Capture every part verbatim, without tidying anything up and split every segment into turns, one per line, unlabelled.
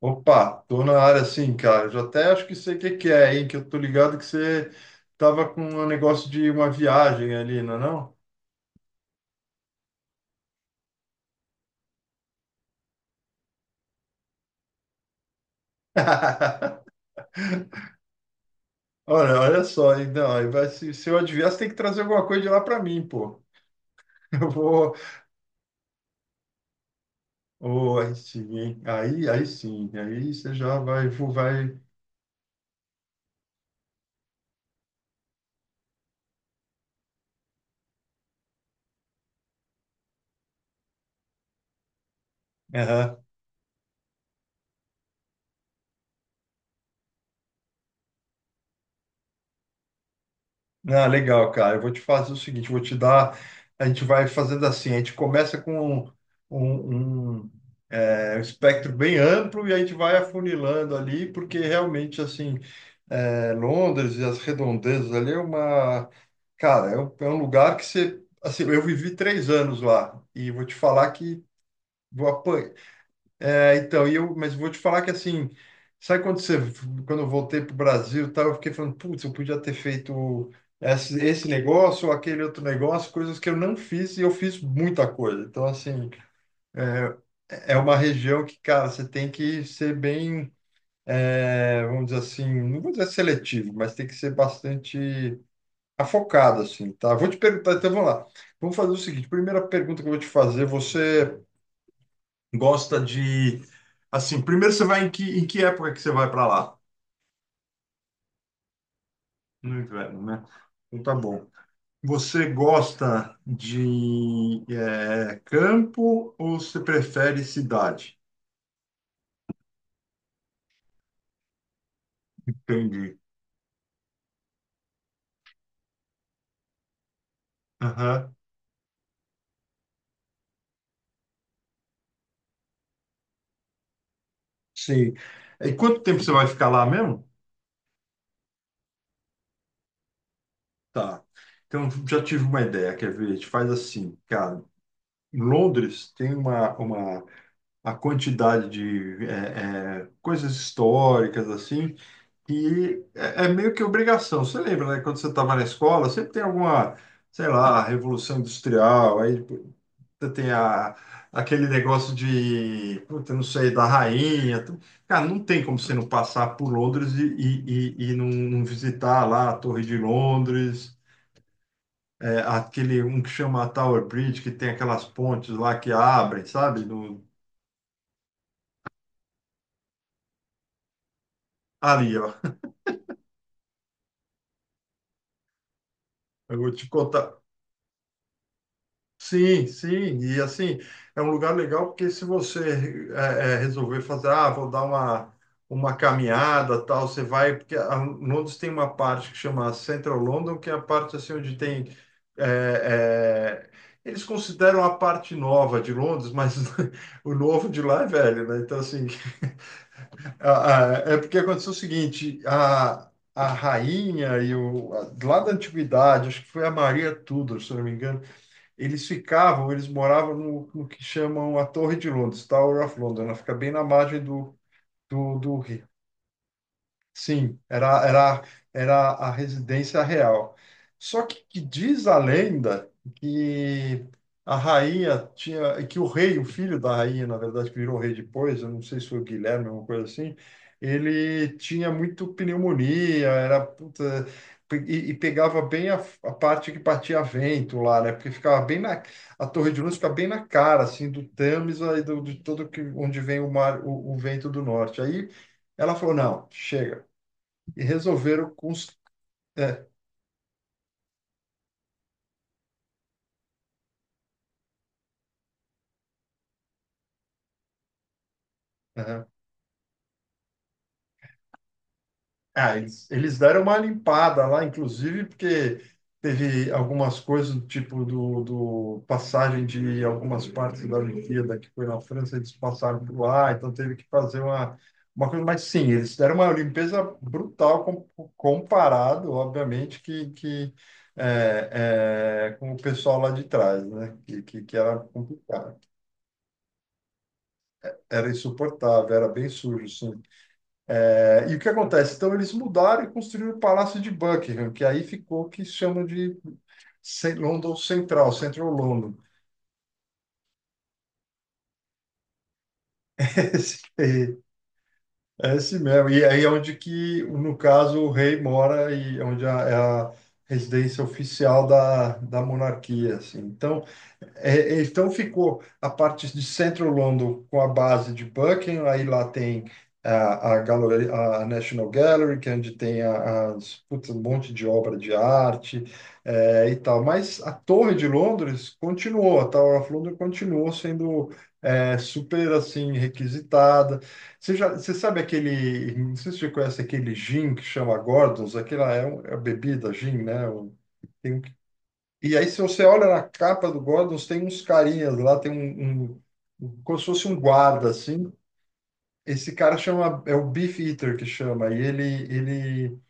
Opa, tô na área sim, cara. Eu já até acho que sei o que que é, hein? Que eu tô ligado que você tava com um negócio de uma viagem ali, não é não? Olha, olha só, então, aí vai, se, se eu adivinhar, você tem que trazer alguma coisa de lá para mim, pô. Eu vou. Ô, aí sim, hein? Aí, aí sim, aí você já vai, vai. Aham. Ah, legal, cara. Eu vou te fazer o seguinte, eu vou te dar. A gente vai fazendo assim, a gente começa com um, um, um, é, um espectro bem amplo e a gente vai afunilando ali, porque realmente assim, é, Londres e as redondezas ali é uma, cara, é um, é um lugar que você, assim, eu vivi três anos lá e vou te falar que vou apan- é, então, e eu, mas vou te falar que assim, sabe quando você, quando eu voltei para o Brasil, e tal, eu fiquei falando, putz, eu podia ter feito esse, esse negócio ou aquele outro negócio, coisas que eu não fiz e eu fiz muita coisa. Então, assim, é, é uma região que, cara, você tem que ser bem, é, vamos dizer assim, não vou dizer seletivo, mas tem que ser bastante afocado, assim, tá? Vou te perguntar, então vamos lá. Vamos fazer o seguinte, primeira pergunta que eu vou te fazer, você gosta de. Assim, primeiro você vai em que, em que época que você vai para lá? No inverno, né? Então tá bom. Você gosta de eh, campo ou você prefere cidade? Entendi. Aham. Sim. E quanto tempo você vai ficar lá mesmo? Tá. Então já tive uma ideia, quer ver? A gente faz assim, cara. Em Londres tem uma, uma a quantidade de eh, eh, coisas históricas assim. E é, é meio que obrigação. Você lembra, né? Quando você estava na escola, sempre tem alguma, sei lá, revolução industrial, aí puta, tem a, aquele negócio de, puta, não sei, da rainha. tu- Cara, não tem como você não passar por Londres e, e, e, e não, não visitar lá a Torre de Londres, é, aquele, um que chama Tower Bridge, que tem aquelas pontes lá que abrem, sabe? No, ali, ó. Eu vou te contar. Sim, sim, e assim, é um lugar legal porque se você é, é, resolver fazer, ah, vou dar uma, uma caminhada, tal, você vai, porque a Londres tem uma parte que chama Central London, que é a parte assim onde tem, é, é, eles consideram a parte nova de Londres, mas o novo de lá é velho, né? Então assim, a- a- é porque aconteceu o seguinte, a, a rainha e o, a- lá da antiguidade, acho que foi a Maria Tudor, se eu não me engano, eles ficavam, eles moravam no, no que chamam a Torre de Londres, Tower of London. Ela fica bem na margem do, do, do rio. Sim, era, era, era a residência real. Só que, que diz a lenda que a rainha tinha, que o rei, o filho da rainha, na verdade, que virou rei depois, eu não sei se foi o Guilherme, alguma coisa assim, ele tinha muito pneumonia, era puta, e, e pegava bem a, a parte que batia vento lá, né? Porque ficava bem na, a Torre de Luz fica bem na cara, assim, do Tâmisa e do, de todo que, onde vem o mar, o o vento do norte. Aí ela falou: não, chega e resolveram construir. É, aham. Ah, eles, eles deram uma limpada lá, inclusive, porque teve algumas coisas do tipo do, do passagem de algumas partes da Olimpíada que foi na França, eles passaram por lá, então teve que fazer uma, uma coisa. Mas sim, eles deram uma limpeza brutal com, comparado, obviamente, que, que é, é, com o pessoal lá de trás, né? Que, que, que era complicado, era insuportável, era bem sujo, sim. É, e o que acontece? Então, eles mudaram e construíram o Palácio de Buckingham, que aí ficou o que se chama de Cen- London Central, Central London. Esse, é esse mesmo. E aí é onde que, no caso, o rei mora e onde é a- é a residência oficial da, da monarquia, assim. Então, é, então ficou a parte de Central London com a base de Buckingham, aí lá tem a, a, Gallery- a National Gallery, que é onde tem a- as, putz, um monte de obra de arte, é, e tal. Mas a Torre de Londres continuou, a Tower of London continuou sendo, é, super assim requisitada. Você já, você sabe aquele, não sei se você conhece aquele gin que chama Gordon's, aquela é, um- é a bebida gin, né? Um- Tem um que e aí, se você olha na capa do Gordons, tem uns carinhas lá, tem um, um- um, como se fosse um guarda, assim. Esse cara chama, é o Beef Eater que chama, e ele, ele,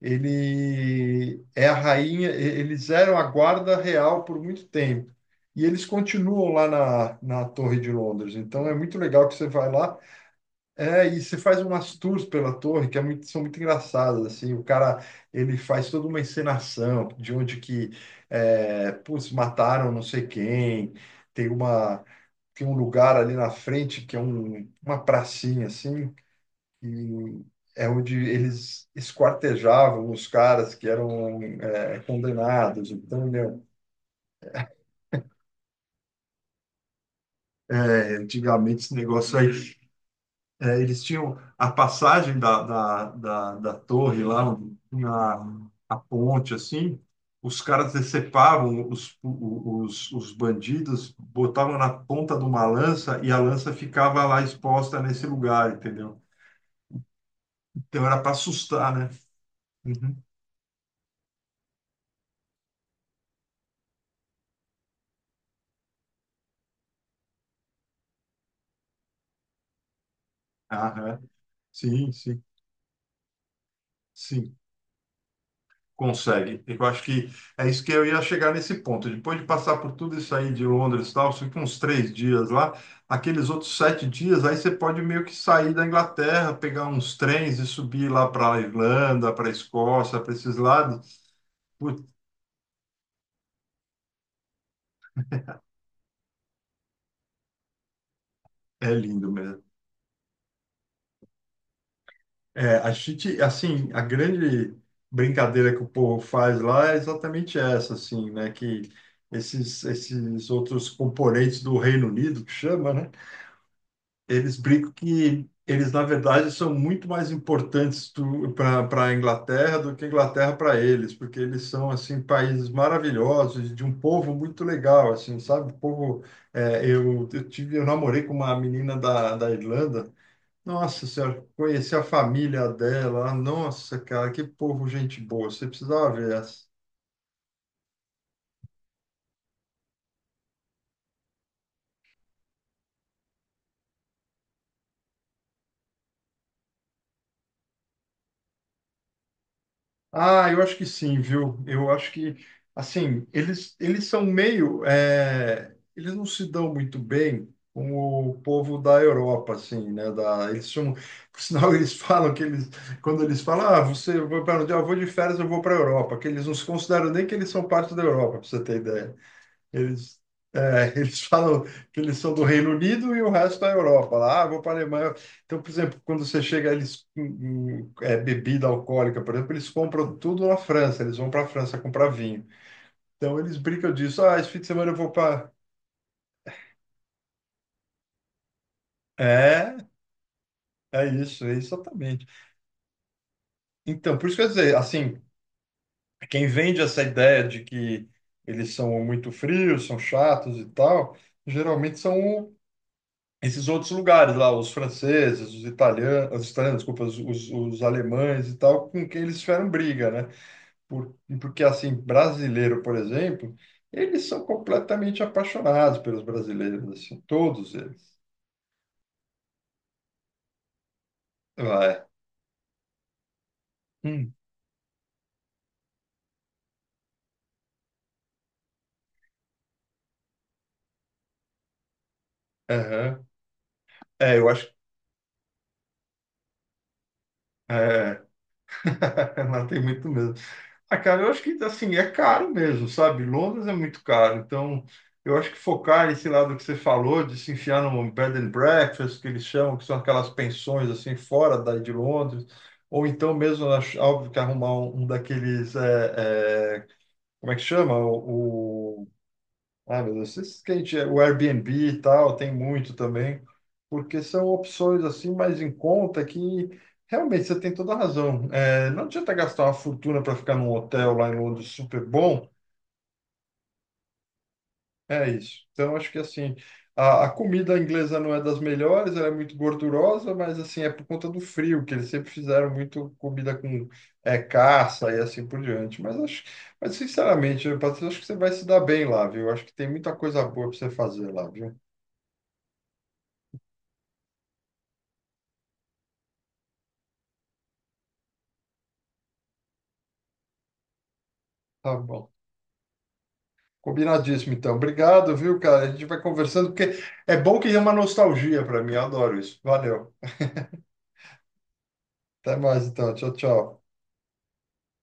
ele é a rainha, e- eles eram a guarda real por muito tempo. E eles continuam lá na, na Torre de Londres. Então, é muito legal que você vai lá. É, e você faz umas tours pela torre que é muito- são muito engraçadas, assim, o cara, ele faz toda uma encenação de onde que, é, putz, mataram não sei quem, tem uma, tem um lugar ali na frente que é um, uma pracinha, assim, e é onde eles esquartejavam os caras que eram, é, condenados, então, meu, é, antigamente esse negócio aí. É, eles tinham a passagem da, da, da, da torre lá, onde tinha a, a ponte, assim, os caras decepavam os, o- os, os bandidos, botavam na ponta de uma lança e a lança ficava lá exposta nesse lugar, entendeu? Então era para assustar, né? Uhum. Aham. Sim, sim, sim. Consegue. Eu acho que é isso que eu ia chegar nesse ponto. Depois de passar por tudo isso aí de Londres e tal, você fica uns três dias lá, aqueles outros sete dias, aí você pode meio que sair da Inglaterra, pegar uns trens e subir lá para a Irlanda, para a Escócia, para esses lados. Putz, é lindo mesmo. É, a gente, assim, a grande brincadeira que o povo faz lá é exatamente essa, assim, né? Que esses, esses outros componentes do Reino Unido, que chama, né? Eles brincam que eles, na verdade, são muito mais importantes para a Inglaterra do que a Inglaterra para eles, porque eles são, assim, países maravilhosos, de um povo muito legal, assim, sabe? O povo, é, eu, eu tive, eu namorei com uma menina da, da Irlanda, nossa senhora, conheci a família dela, nossa, cara, que povo gente boa, você precisava ver essa. Ah, eu acho que sim, viu? Eu acho que, assim, eles, eles são meio, é, eles não se dão muito bem com o povo da Europa, assim, né? Da, eles são, por sinal, eles falam que eles, quando eles falam, ah, você vai para onde? Ah, eu vou de férias, eu vou para a Europa, que eles não se consideram nem que eles são parte da Europa, para você ter ideia. Eles, é, eles falam que eles são do Reino Unido e o resto da Europa. Lá, ah, vou para a Alemanha. Então, por exemplo, quando você chega, eles hum, hum, é, bebida alcoólica, por exemplo, eles compram tudo na França. Eles vão para a França comprar vinho. Então, eles brincam disso. Ah, esse fim de semana eu vou para. É, é isso, é exatamente. Então, por isso que eu ia dizer, assim, quem vende essa ideia de que eles são muito frios, são chatos e tal, geralmente são esses outros lugares lá, os franceses, os italianos, os italianos, desculpa, os, os, os alemães e tal, com quem eles fizeram briga, né? Por, porque, assim, brasileiro, por exemplo, eles são completamente apaixonados pelos brasileiros, assim, todos eles. Vai. Hum. Aham. É, eu acho. É. Não tem muito mesmo. Ah, cara, eu acho que assim, é caro mesmo, sabe? Londres é muito caro. Então, eu acho que focar esse lado que você falou, de se enfiar num bed and breakfast, que eles chamam, que são aquelas pensões assim, fora daí de Londres, ou então mesmo, acho- óbvio que arrumar um, um daqueles, é, é, como é que chama? O, o- ah, meu Deus, esses que a gente, o Airbnb e tal, tem muito também, porque são opções assim mais em conta que realmente você tem toda a razão. É, não adianta gastar uma fortuna para ficar num hotel lá em Londres super bom, é isso. Então acho que assim, a, a comida inglesa não é das melhores, ela é muito gordurosa, mas assim, é por conta do frio, que eles sempre fizeram muito comida com, é, caça e assim por diante. Mas acho, mas sinceramente, Patrícia, acho que você vai se dar bem lá, viu? Acho que tem muita coisa boa para você fazer lá, viu? Tá bom. Combinadíssimo, então. Obrigado, viu, cara? A gente vai conversando, porque é bom que é uma nostalgia para mim. Eu adoro isso. Valeu. Até mais, então. Tchau, tchau.